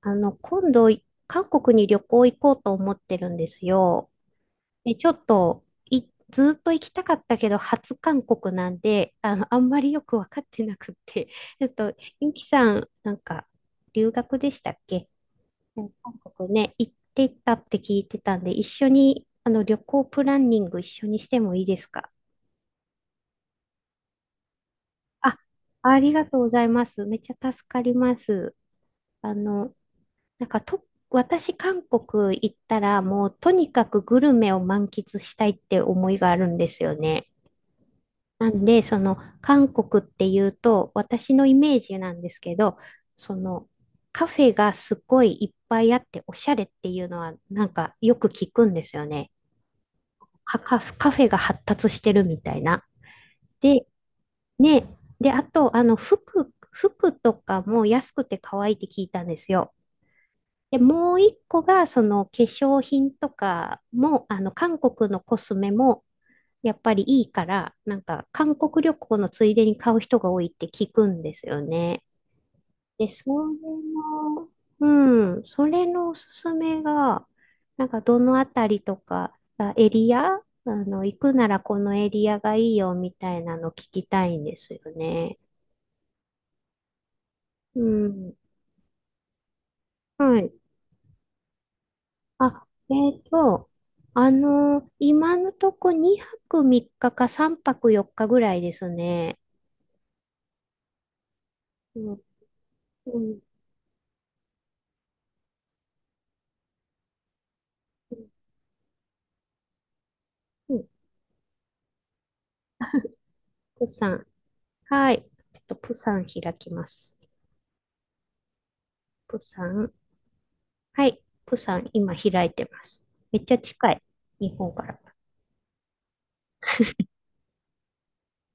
今度、韓国に旅行行こうと思ってるんですよ。で、ちょっと、ずーっと行きたかったけど、初韓国なんで、あんまりよくわかってなくって。ちょっと、ゆきさん、なんか、留学でしたっけ？うん、韓国ね、行ってたって聞いてたんで、一緒に、旅行プランニング一緒にしてもいいですか？あ、ありがとうございます。めっちゃ助かります。あの、なんかと、私、韓国行ったら、もうとにかくグルメを満喫したいって思いがあるんですよね。なんで、その、韓国っていうと、私のイメージなんですけど、その、カフェがすごいいっぱいあって、おしゃれっていうのは、なんかよく聞くんですよね。カフェが発達してるみたいな。で、ね、で、あと、服とかも安くて可愛いって聞いたんですよ。で、もう一個が、その化粧品とかも、韓国のコスメも、やっぱりいいから、なんか、韓国旅行のついでに買う人が多いって聞くんですよね。で、それの、うん、それのおすすめが、なんか、どのあたりとか、あエリア、行くならこのエリアがいいよみたいなの聞きたいんですよね。うん。はい。あ、今のとこ2泊3日か3泊4日ぐらいですね。うん、うん、うん、プサン。はい。ちょっとプサン開きます。プサン。はい。プサン、今開いてます。めっちゃ近い。日本から。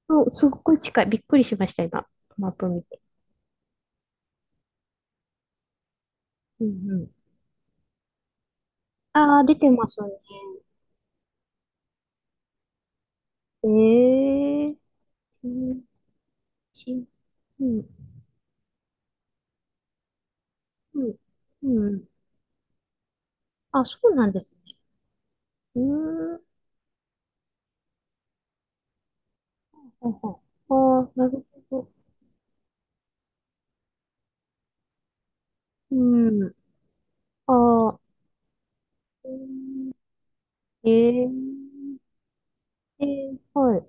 そう、すっごい近い。びっくりしました、今。マップ見て。うんうん。ああ、出てますね。ええ、うん、しうん、うん、うん。あ、そうなんですね。うーん。ほうほう。ああ、なるほど。うん。ああ、ええ、ええ、はい。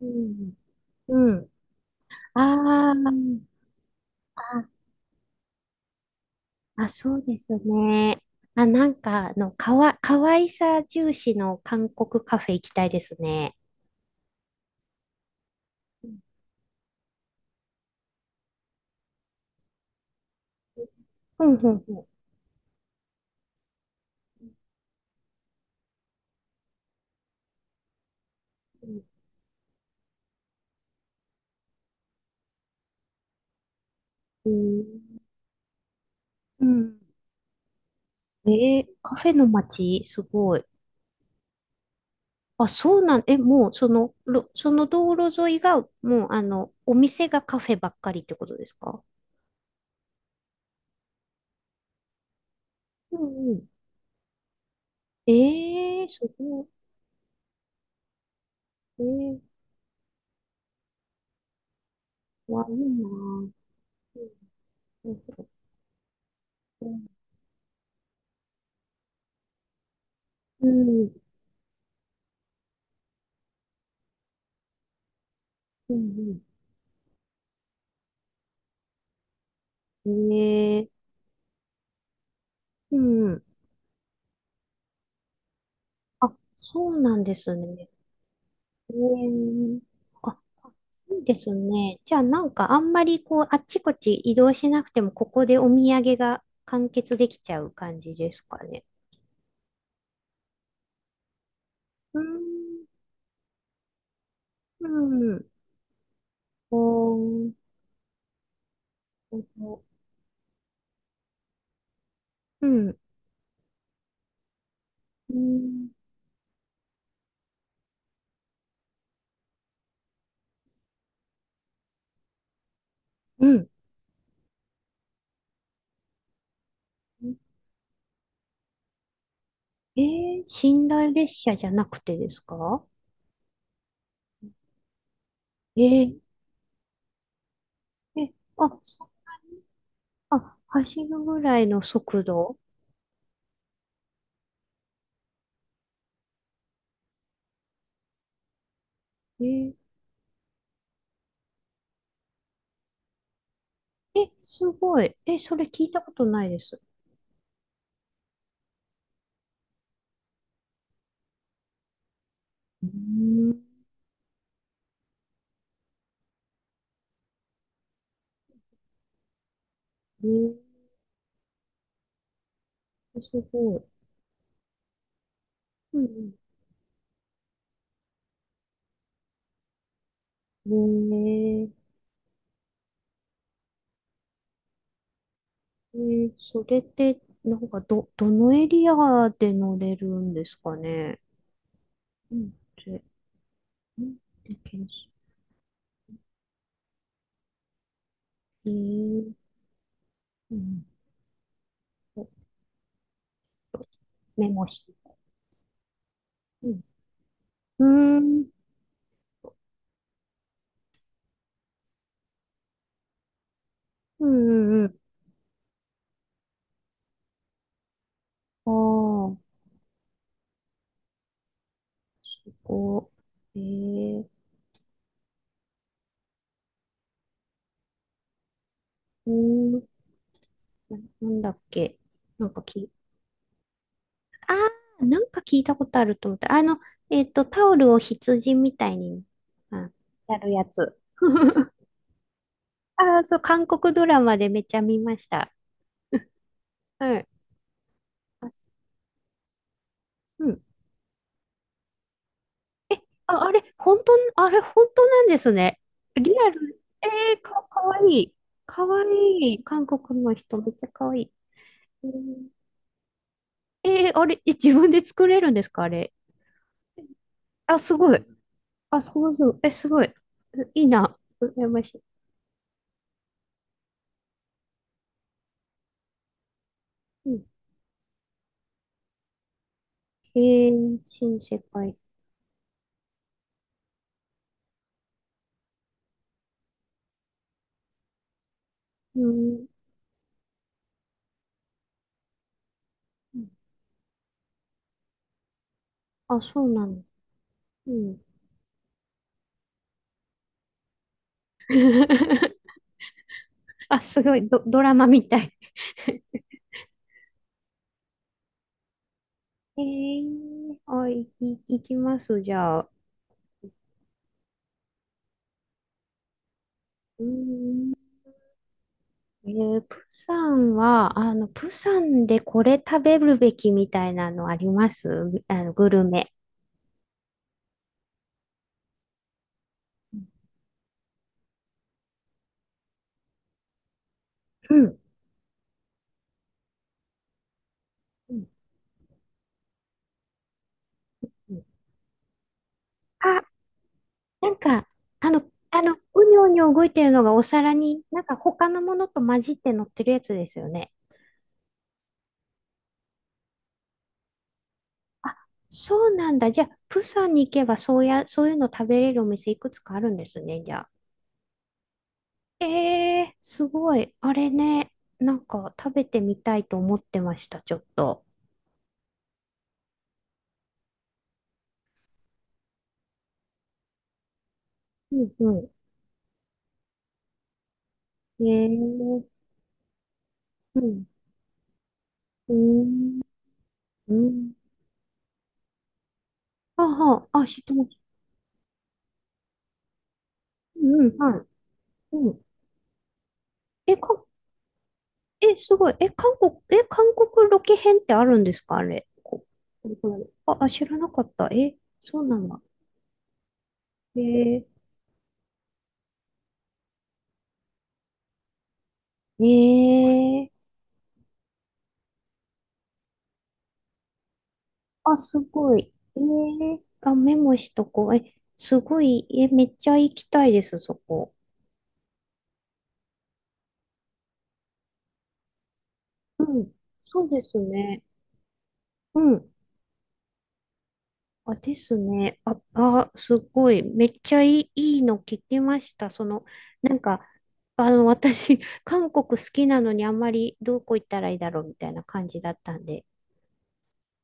うん。うん。ああ、あ、あ、そうですね。あ、なんか、かわいさ重視の韓国カフェ行きたいですね。うん、うん、うん。うん。うん。カフェの街、すごい。あ、そうなん、え、もう、その道路沿いが、もう、お店がカフェばっかりってことですか？うんうん。ええー、すごい。わ、いいなぁ。うんうん。うんうん、ええ、うん。あ、そうなんですね。ええ、あ、いいですね。じゃあ、なんか、あんまり、こう、あっちこっち移動しなくても、ここでお土産が完結できちゃう感じですかね。うんうん。おー、うん。うん。うん。えー、寝台列車じゃなくてですか？えー、え、あ、走るぐらいの速度。えー、え、すごい。え、それ聞いたことないです。うーん、えー、すごい。うんうん、えそれって、なんか、どのエリアで乗れるんですかね？うん、で、うん、で検索。えーうん。えっと、メモし、うん。うーん。うんうんうん。ああ、こうえー、うーん、なんだっけ。なんかき、ああ、なんか聞いたことあると思った。タオルを羊みたいに、あ、やるやつ。ああ、そう、韓国ドラマでめっちゃ見ました。はい。あ、うん。えあ、あれ、本当なんですね。リアル。えー、かわいい。かわいい。韓国の人、めっちゃかわいい。えーあれ、え、自分で作れるんですか、あれ？あ、すごい。あ、すごい、すごい。え、すごい。いいな。うやましい。うん。えー、新世界。うん。うん、あ、そうなの。うん。あ、すごい。ドラマみたい。えー、あ、いきます、じゃあ。うーん、プサンでこれ食べるべきみたいなのあります？グルメ。うん。うんうん、あ、なんか、あの、うにょうにょ動いてるのがお皿に、なんか他のものと混じって乗ってるやつですよね。そうなんだ。じゃあ、プサンに行けば、そうや、そういうの食べれるお店いくつかあるんですね、じゃあ。えー、すごい。あれね、なんか食べてみたいと思ってました、ちょっと。うんうん。うん、うーん。うん。はあ、はあ、あ、知ってます。うんうん、はい。うん。え、え、すごい。え、韓国ロケ編ってあるんですかあれ？これこれ、あ、あ、知らなかった。え、そうなんだ。えー、ねえ、あ、すごい。えー、あ、メモしとこう。え、すごい。え、めっちゃ行きたいです、そこ。うん。そうですね。うん。あ、ですね。あ、あ、すごい。めっちゃいいの聞きました。なんか、私、韓国好きなのにあんまりどこ行ったらいいだろうみたいな感じだったんで、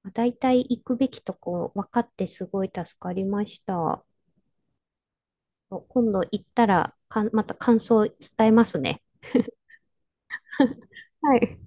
まあ大体行くべきとこ分かってすごい助かりました。今度行ったらまた感想伝えますね。はい。